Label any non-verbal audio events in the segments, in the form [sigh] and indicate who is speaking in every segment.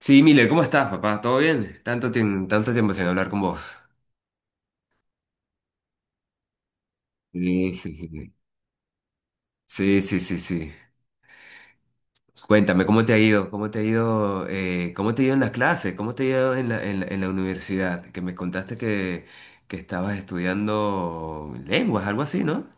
Speaker 1: Sí, Miller, ¿cómo estás, papá? ¿Todo bien? Tanto tiempo sin hablar con vos. Sí, sí, sí. Sí, sí, sí, sí. Sí. Cuéntame, ¿cómo te ha ido? ¿Cómo te ha ido? ¿Cómo te ha ido en las clases? ¿Cómo te ha ido en en la universidad? Que me contaste que estabas estudiando lenguas, algo así, ¿no?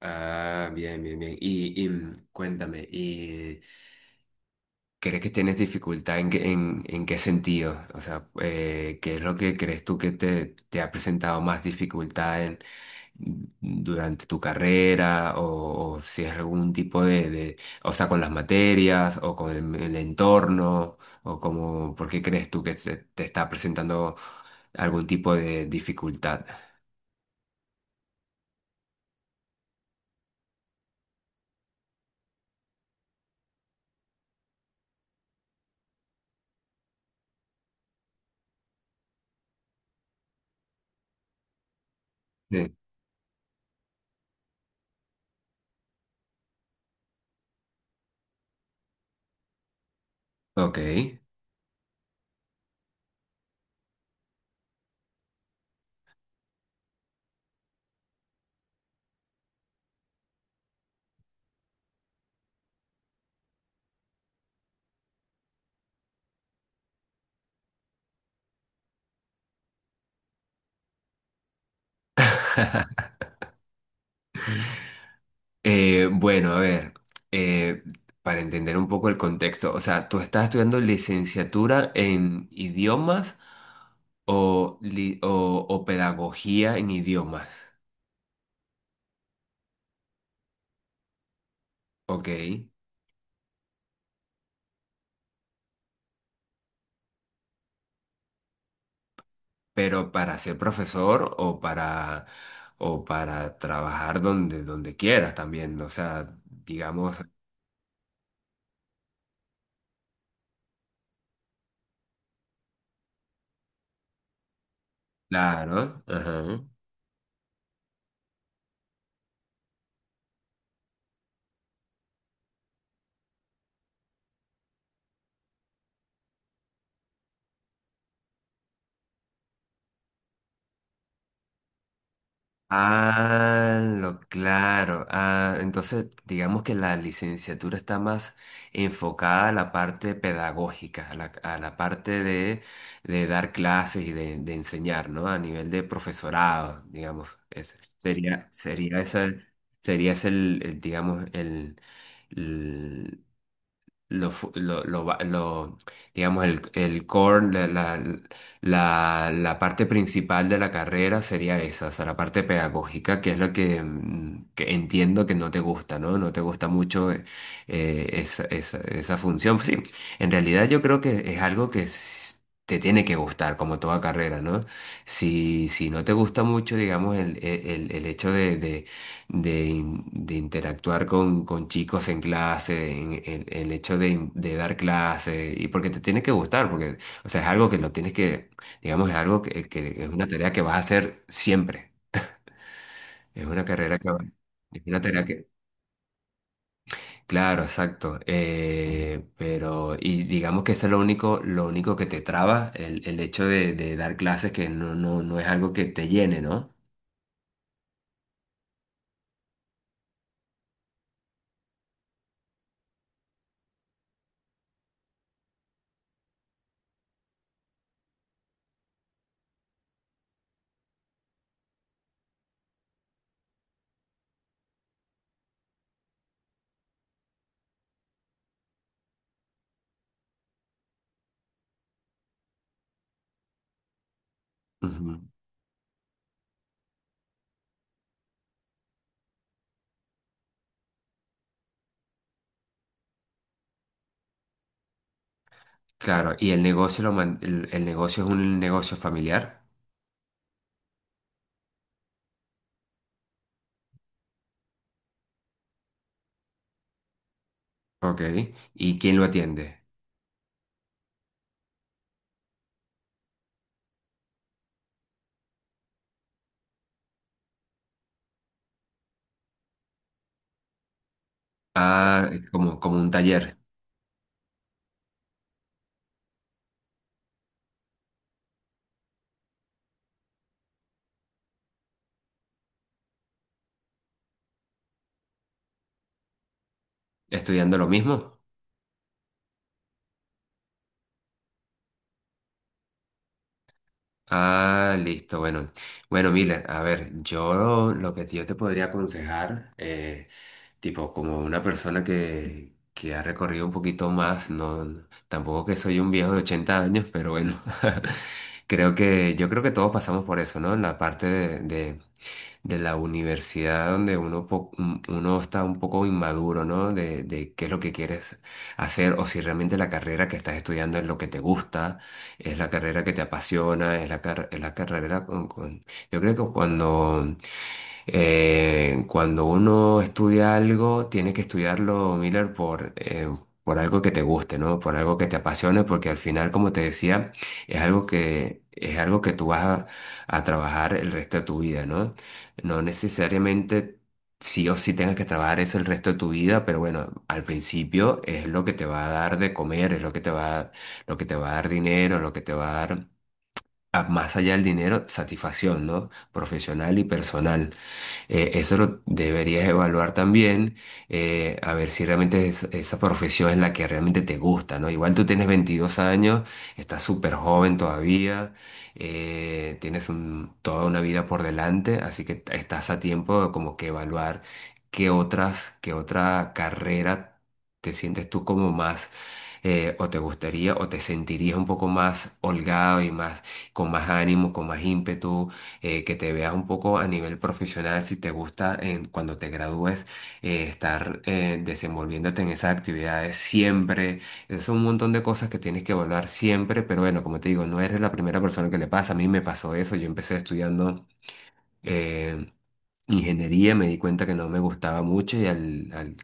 Speaker 1: Ah, bien, bien, bien. Cuéntame, ¿y crees que tienes dificultad en qué sentido? O sea, ¿qué es lo que crees tú que te ha presentado más dificultad durante tu carrera o si es algún tipo de o sea, con las materias o con el entorno o como, ¿por qué crees tú que te está presentando algún tipo de dificultad? Sí. Ok. Bueno, a ver, eh, para entender un poco el contexto, o sea, ¿tú estás estudiando licenciatura en idiomas o pedagogía en idiomas? Ok. Pero para ser profesor o para trabajar donde, donde quieras también, o sea, digamos, claro, ajá. Ah, lo claro. Ah, entonces, digamos que la licenciatura está más enfocada a la parte pedagógica, a a la parte de dar clases y de enseñar, ¿no? A nivel de profesorado, digamos. Ese sería, sería ese digamos, el- lo, fu- lo va- lo- digamos, el core, la parte principal de la carrera sería esa, o sea, la parte pedagógica, que es lo que, que entiendo que no te gusta, ¿no? No te gusta mucho esa función. Sí, en realidad yo creo que es algo que te tiene que gustar, como toda carrera, ¿no? Si, si no te gusta mucho, digamos, el hecho de de interactuar con chicos en clase, el hecho de dar clases y porque te tiene que gustar, porque, o sea, es algo que lo tienes que, digamos, es algo que es una tarea que vas a hacer siempre, es una carrera que, es una tarea que, claro, exacto, pero, y digamos que eso es lo único que te traba, el hecho de dar clases que no, no, no es algo que te llene, ¿no? Ujú. Claro, y el negocio, lo man- el negocio es un negocio familiar. Ok. ¿Y quién lo atiende? Ah, es como, como un taller, estudiando lo mismo. Ah, listo, bueno. Bueno, mira, a ver, yo lo que yo te podría aconsejar tipo como una persona que ha recorrido un poquito más, no, tampoco que soy un viejo de 80 años, pero bueno, [laughs] creo que yo creo que todos pasamos por eso, ¿no? En la parte de la universidad donde uno, uno está un poco inmaduro, ¿no? De qué es lo que quieres hacer o si realmente la carrera que estás estudiando es lo que te gusta, es la carrera que te apasiona, es es la carrera Yo creo que cuando cuando uno estudia algo, tiene que estudiarlo, Miller, por algo que te guste, ¿no? Por algo que te apasione, porque al final, como te decía, es algo que tú vas a trabajar el resto de tu vida, ¿no? No necesariamente sí o sí tengas que trabajar eso el resto de tu vida, pero bueno, al principio es lo que te va a dar de comer, es lo que te va a, lo que te va a dar dinero, lo que te va a dar, más allá del dinero, satisfacción, ¿no? Profesional y personal. Eso lo deberías evaluar también, a ver si realmente esa profesión es la que realmente te gusta, ¿no? Igual tú tienes 22 años, estás súper joven todavía, toda una vida por delante, así que estás a tiempo de como que evaluar qué otras, qué otra carrera te sientes tú como más, o te gustaría, o te sentirías un poco más holgado y más, con más ánimo, con más ímpetu que te veas un poco a nivel profesional, si te gusta en, cuando te gradúes estar desenvolviéndote en esas actividades siempre. Es un montón de cosas que tienes que evaluar siempre, pero bueno, como te digo, no eres la primera persona que le pasa. A mí me pasó eso, yo empecé estudiando eh, ingeniería, me di cuenta que no me gustaba mucho y al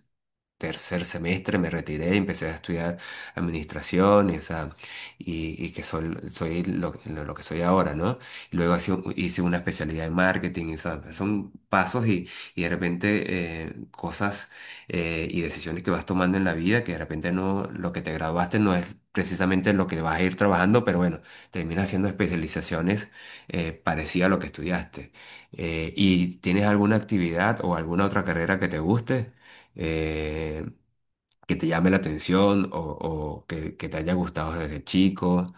Speaker 1: tercer semestre me retiré y empecé a estudiar administración y, o sea, y que soy, lo que soy ahora, ¿no? Y luego hice, hice una especialidad en marketing, y, o sea, son pasos y de repente cosas y decisiones que vas tomando en la vida que de repente no, lo que te graduaste no es precisamente lo que vas a ir trabajando, pero bueno, terminas haciendo especializaciones parecidas a lo que estudiaste. ¿Y tienes alguna actividad o alguna otra carrera que te guste? eh, ¿Que te llame la atención o que te haya gustado desde chico?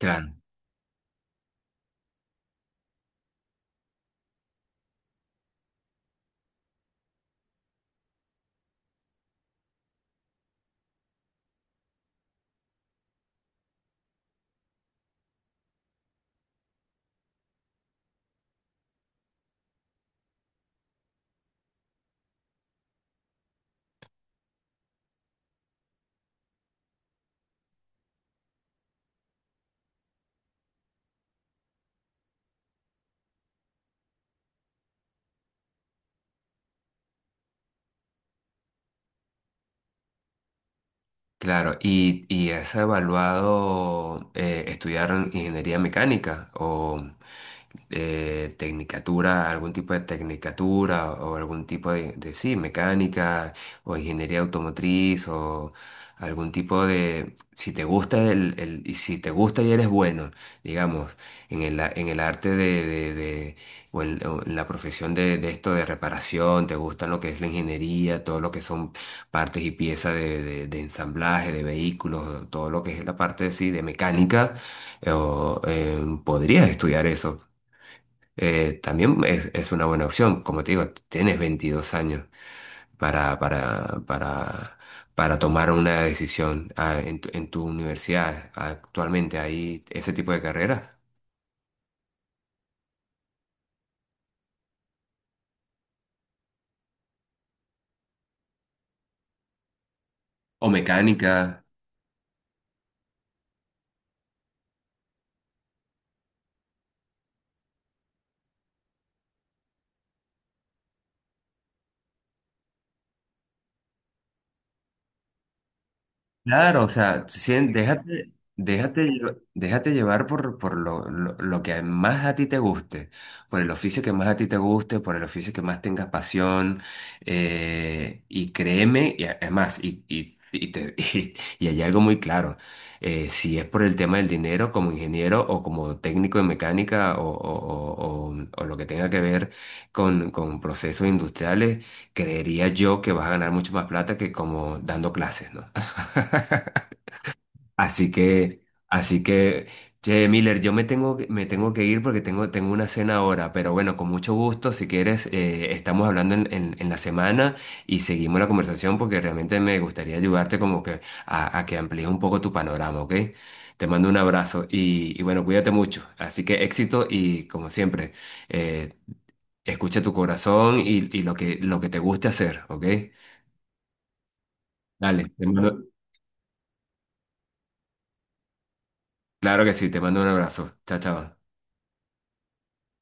Speaker 1: Claro, claro, y has evaluado estudiar ingeniería mecánica o tecnicatura, algún tipo de tecnicatura o algún tipo de, sí, mecánica o ingeniería automotriz o algún tipo de, si te gusta y si te gusta y eres bueno, digamos, en el, en el arte de o en la profesión de esto de reparación, te gusta lo que es la ingeniería, todo lo que son partes y piezas de ensamblaje, de vehículos, todo lo que es la parte sí, de mecánica, o podrías estudiar eso. También es una buena opción, como te digo, tienes 22 años para, para, para, para tomar una decisión en en tu universidad. Actualmente hay ese tipo de carreras, o mecánica. Claro, o sea, sí. Déjate llevar por, lo que más a ti te guste, por el oficio que más a ti te guste, por el oficio que más tengas pasión, y créeme, es más, [laughs] y hay algo muy claro, si es por el tema del dinero como ingeniero o como técnico en mecánica o o lo que tenga que ver con procesos industriales, creería yo que vas a ganar mucho más plata que como dando clases, ¿no? [laughs] Así que, así que, che, Miller, yo me me tengo que ir porque tengo, tengo una cena ahora, pero bueno, con mucho gusto, si quieres, estamos hablando en, en la semana y seguimos la conversación porque realmente me gustaría ayudarte como que a que amplíes un poco tu panorama, ¿ok? Te mando un abrazo y bueno, cuídate mucho. Así que éxito y como siempre, eh, escucha tu corazón y lo que te guste hacer, ¿ok? Dale, te mando, claro que sí, te mando un abrazo. Chao, chao.